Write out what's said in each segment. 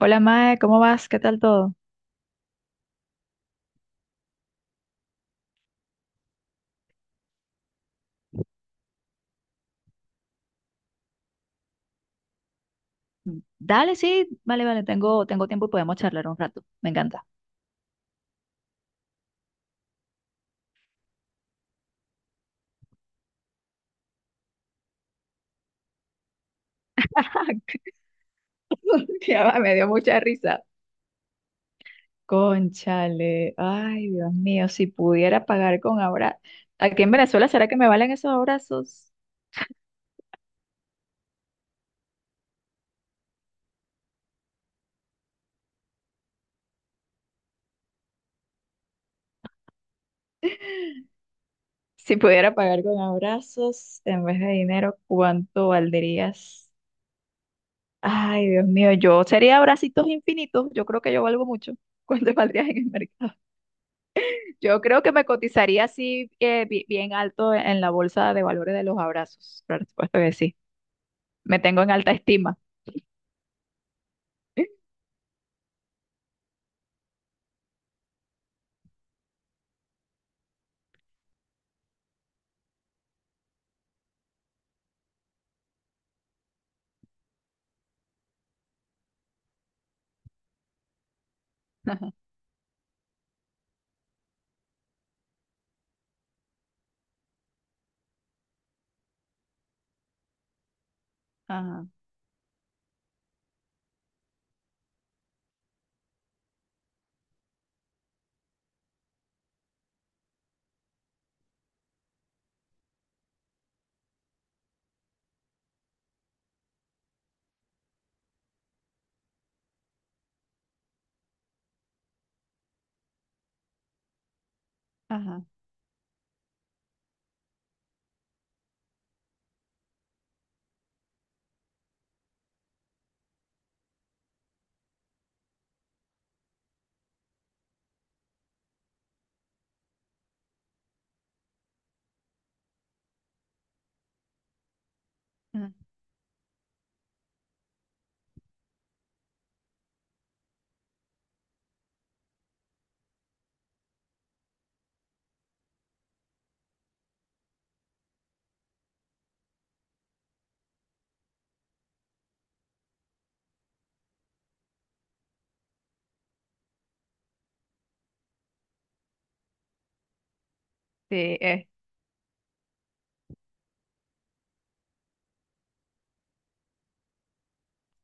Hola Mae, ¿cómo vas? ¿Qué tal todo? Dale, sí, vale, vale, tengo tiempo y podemos charlar un rato. Me encanta. Ya va, me dio mucha risa. Conchale, ay Dios mío, si pudiera pagar con abrazos. Aquí en Venezuela, ¿será que me valen esos abrazos? Si pudiera pagar con abrazos en vez de dinero, ¿cuánto valdrías? Ay Dios mío, yo sería abracitos infinitos. Yo creo que yo valgo mucho. ¿Cuánto valdrías en el mercado? Yo creo que me cotizaría así bien alto en la bolsa de valores de los abrazos. Por supuesto que sí. Me tengo en alta estima. Ajá, ajá, ajá. Ajá. Sí, eh,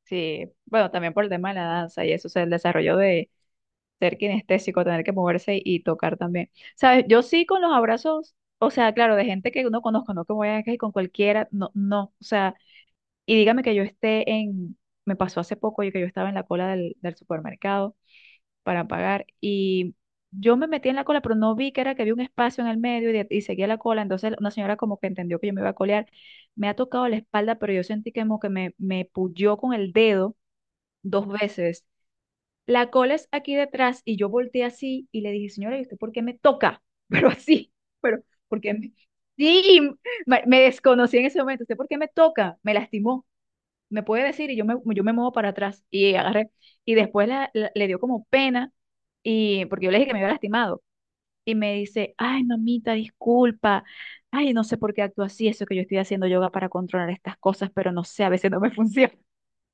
sí. Bueno, también por el tema de la danza y eso, o sea, el desarrollo de ser kinestésico, tener que moverse y tocar también. ¿Sabes? Yo sí con los abrazos, o sea, claro, de gente que uno conozco, no que voy a que con cualquiera, no, no. O sea, y dígame que yo esté en, me pasó hace poco, yo que yo estaba en la cola del supermercado para pagar. Y yo me metí en la cola, pero no vi que era que había un espacio en el medio y, y seguía la cola. Entonces una señora como que entendió que yo me iba a colear. Me ha tocado la espalda, pero yo sentí que como que me puyó con el dedo dos veces. La cola es aquí detrás y yo volteé así y le dije, señora, ¿y usted por qué me toca? Pero así, pero porque me... Sí, me desconocí en ese momento. ¿Usted por qué me toca? Me lastimó. Me puede decir y yo me muevo para atrás y agarré. Y después le dio como pena y porque yo le dije que me había lastimado. Y me dice, ay, mamita, disculpa. Ay, no sé por qué actúo así. Eso que yo estoy haciendo yoga para controlar estas cosas, pero no sé, a veces no me funciona.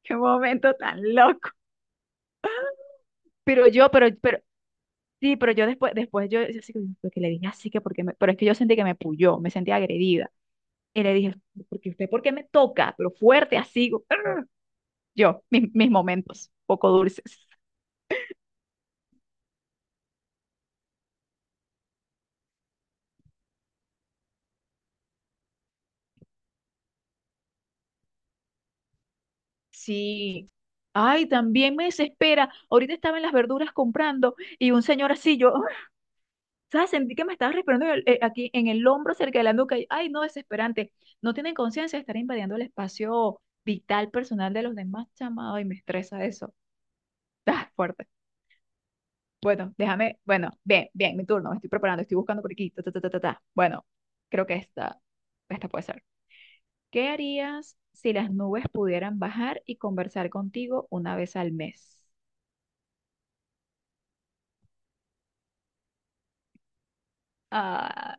Qué momento tan loco. Pero yo, pero, pero, sí, pero yo después, yo así que "¿Por qué le dije así que porque me, pero es que yo sentí que me puyó, me sentí agredida. Y le dije, porque usted, ¿por qué me toca? Pero fuerte, así, yo, mis momentos, poco dulces. Sí. Ay, también me desespera. Ahorita estaba en las verduras comprando y un señor así, yo, ¿sabes? Sentí que me estaba respirando en aquí en el hombro, cerca de la nuca. Y ay, no, desesperante. No tienen conciencia de estar invadiendo el espacio vital personal de los demás, chamado, y me estresa eso. Ah, fuerte. Bueno, déjame. Bueno, bien, bien, mi turno. Me estoy preparando, estoy buscando por aquí. Ta, ta, ta, ta, ta, ta. Bueno, creo que esta puede ser. ¿Qué harías si las nubes pudieran bajar y conversar contigo una vez al mes? Ah,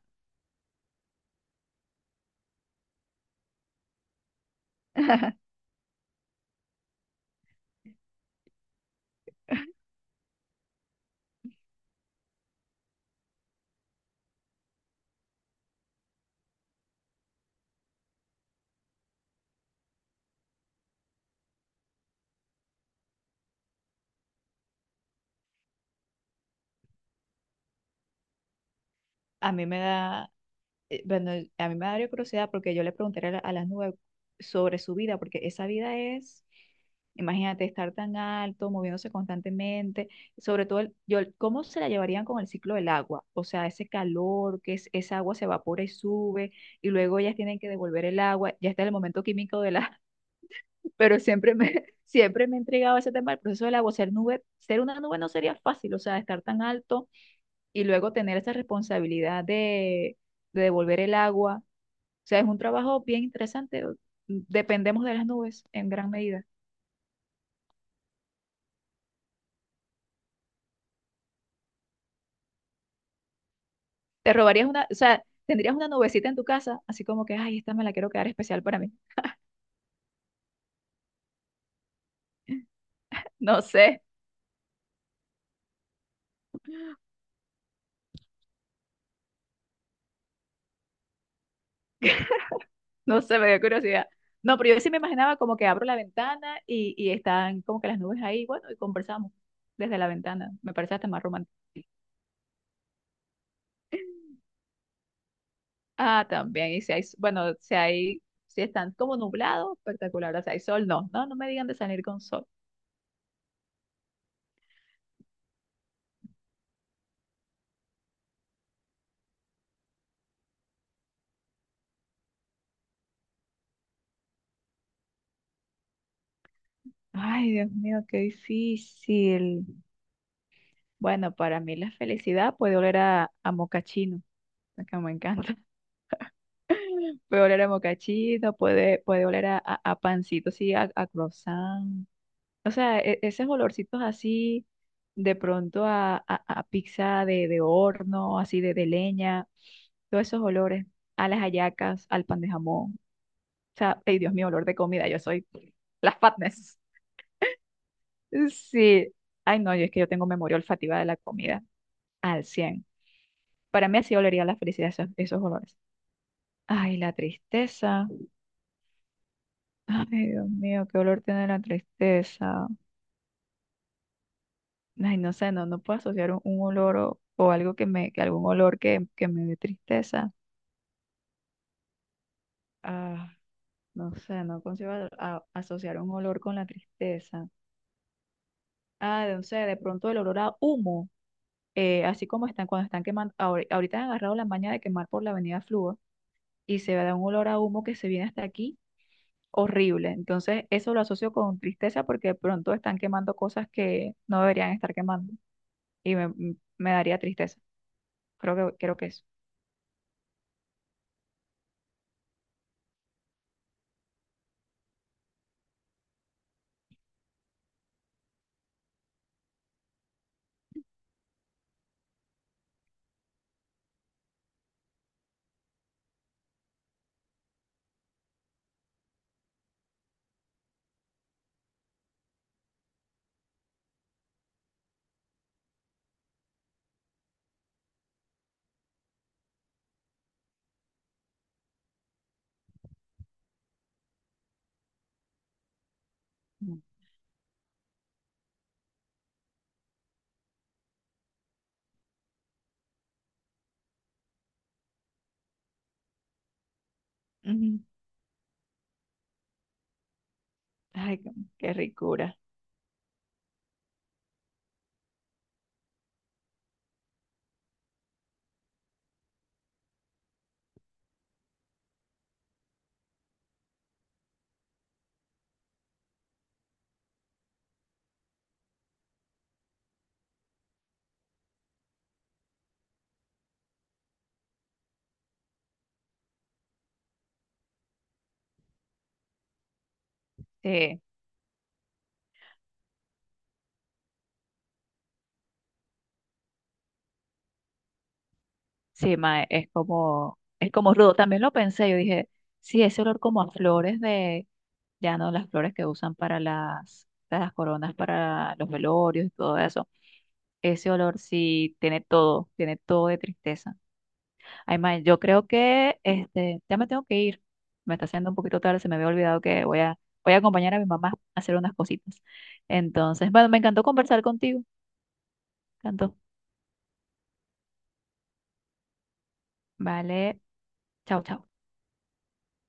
a mí me da. Bueno, a mí me daría curiosidad porque yo le preguntaría a a las nubes sobre su vida, porque esa vida es, imagínate, estar tan alto, moviéndose constantemente, sobre todo, yo, ¿cómo se la llevarían con el ciclo del agua? O sea, ese calor, que es, esa agua se evapora y sube, y luego ellas tienen que devolver el agua, ya está el momento químico de la, pero siempre me, siempre me ha intrigado ese tema el proceso del agua, ser nube, ser una nube no sería fácil, o sea, estar tan alto y luego tener esa responsabilidad de devolver el agua sea, es un trabajo bien interesante. Dependemos de las nubes en gran medida. Te robarías una, o sea, tendrías una nubecita en tu casa, así como que, ay, esta me la quiero quedar especial para mí. No sé, no sé, me dio curiosidad. No, pero yo sí me imaginaba como que abro la ventana y están como que las nubes ahí, bueno, y conversamos desde la ventana. Me parece hasta más romántico. Ah, también, y si hay, bueno, si hay, si están como nublados, espectacular. O sea, hay sol, no, no, no me digan de salir con sol. Ay, Dios mío, qué difícil. Bueno, para mí la felicidad puede oler a mocachino, que me encanta. Puede oler a mocachino, puede, puede oler a pancito, sí, a croissant. O sea, esos olorcitos así, de pronto a pizza de horno, así de leña, todos esos olores, a las hallacas, al pan de jamón. O sea, ay Dios mío, olor de comida, yo soy las fatness. Sí, ay no, yo es que yo tengo memoria olfativa de la comida al 100. Para mí así olería la felicidad esos, esos olores. Ay, la tristeza. Ay, Dios mío, qué olor tiene la tristeza. Ay, no sé, no, no puedo asociar un olor o algo que me, que algún olor que me dé tristeza. Ah, no sé, no consigo asociar un olor con la tristeza. Ah, no sé, de pronto el olor a humo, así como están cuando están quemando, ahorita han agarrado la maña de quemar por la avenida Fluor y se da un olor a humo que se viene hasta aquí. Horrible. Entonces, eso lo asocio con tristeza porque de pronto están quemando cosas que no deberían estar quemando. y me, me daría tristeza. Creo que eso. Ujú. Ay, qué qué ricura. Sí, sí, mae, es como rudo. También lo pensé, yo dije, sí, ese olor como a flores de, ya no las flores que usan para las coronas, para los velorios y todo eso. Ese olor sí tiene todo de tristeza. Ay, mae, yo creo que este, ya me tengo que ir. Me está haciendo un poquito tarde, se me había olvidado que voy a acompañar a mi mamá a hacer unas cositas. Entonces, bueno, me encantó conversar contigo. Me encantó. Vale, chao, chao.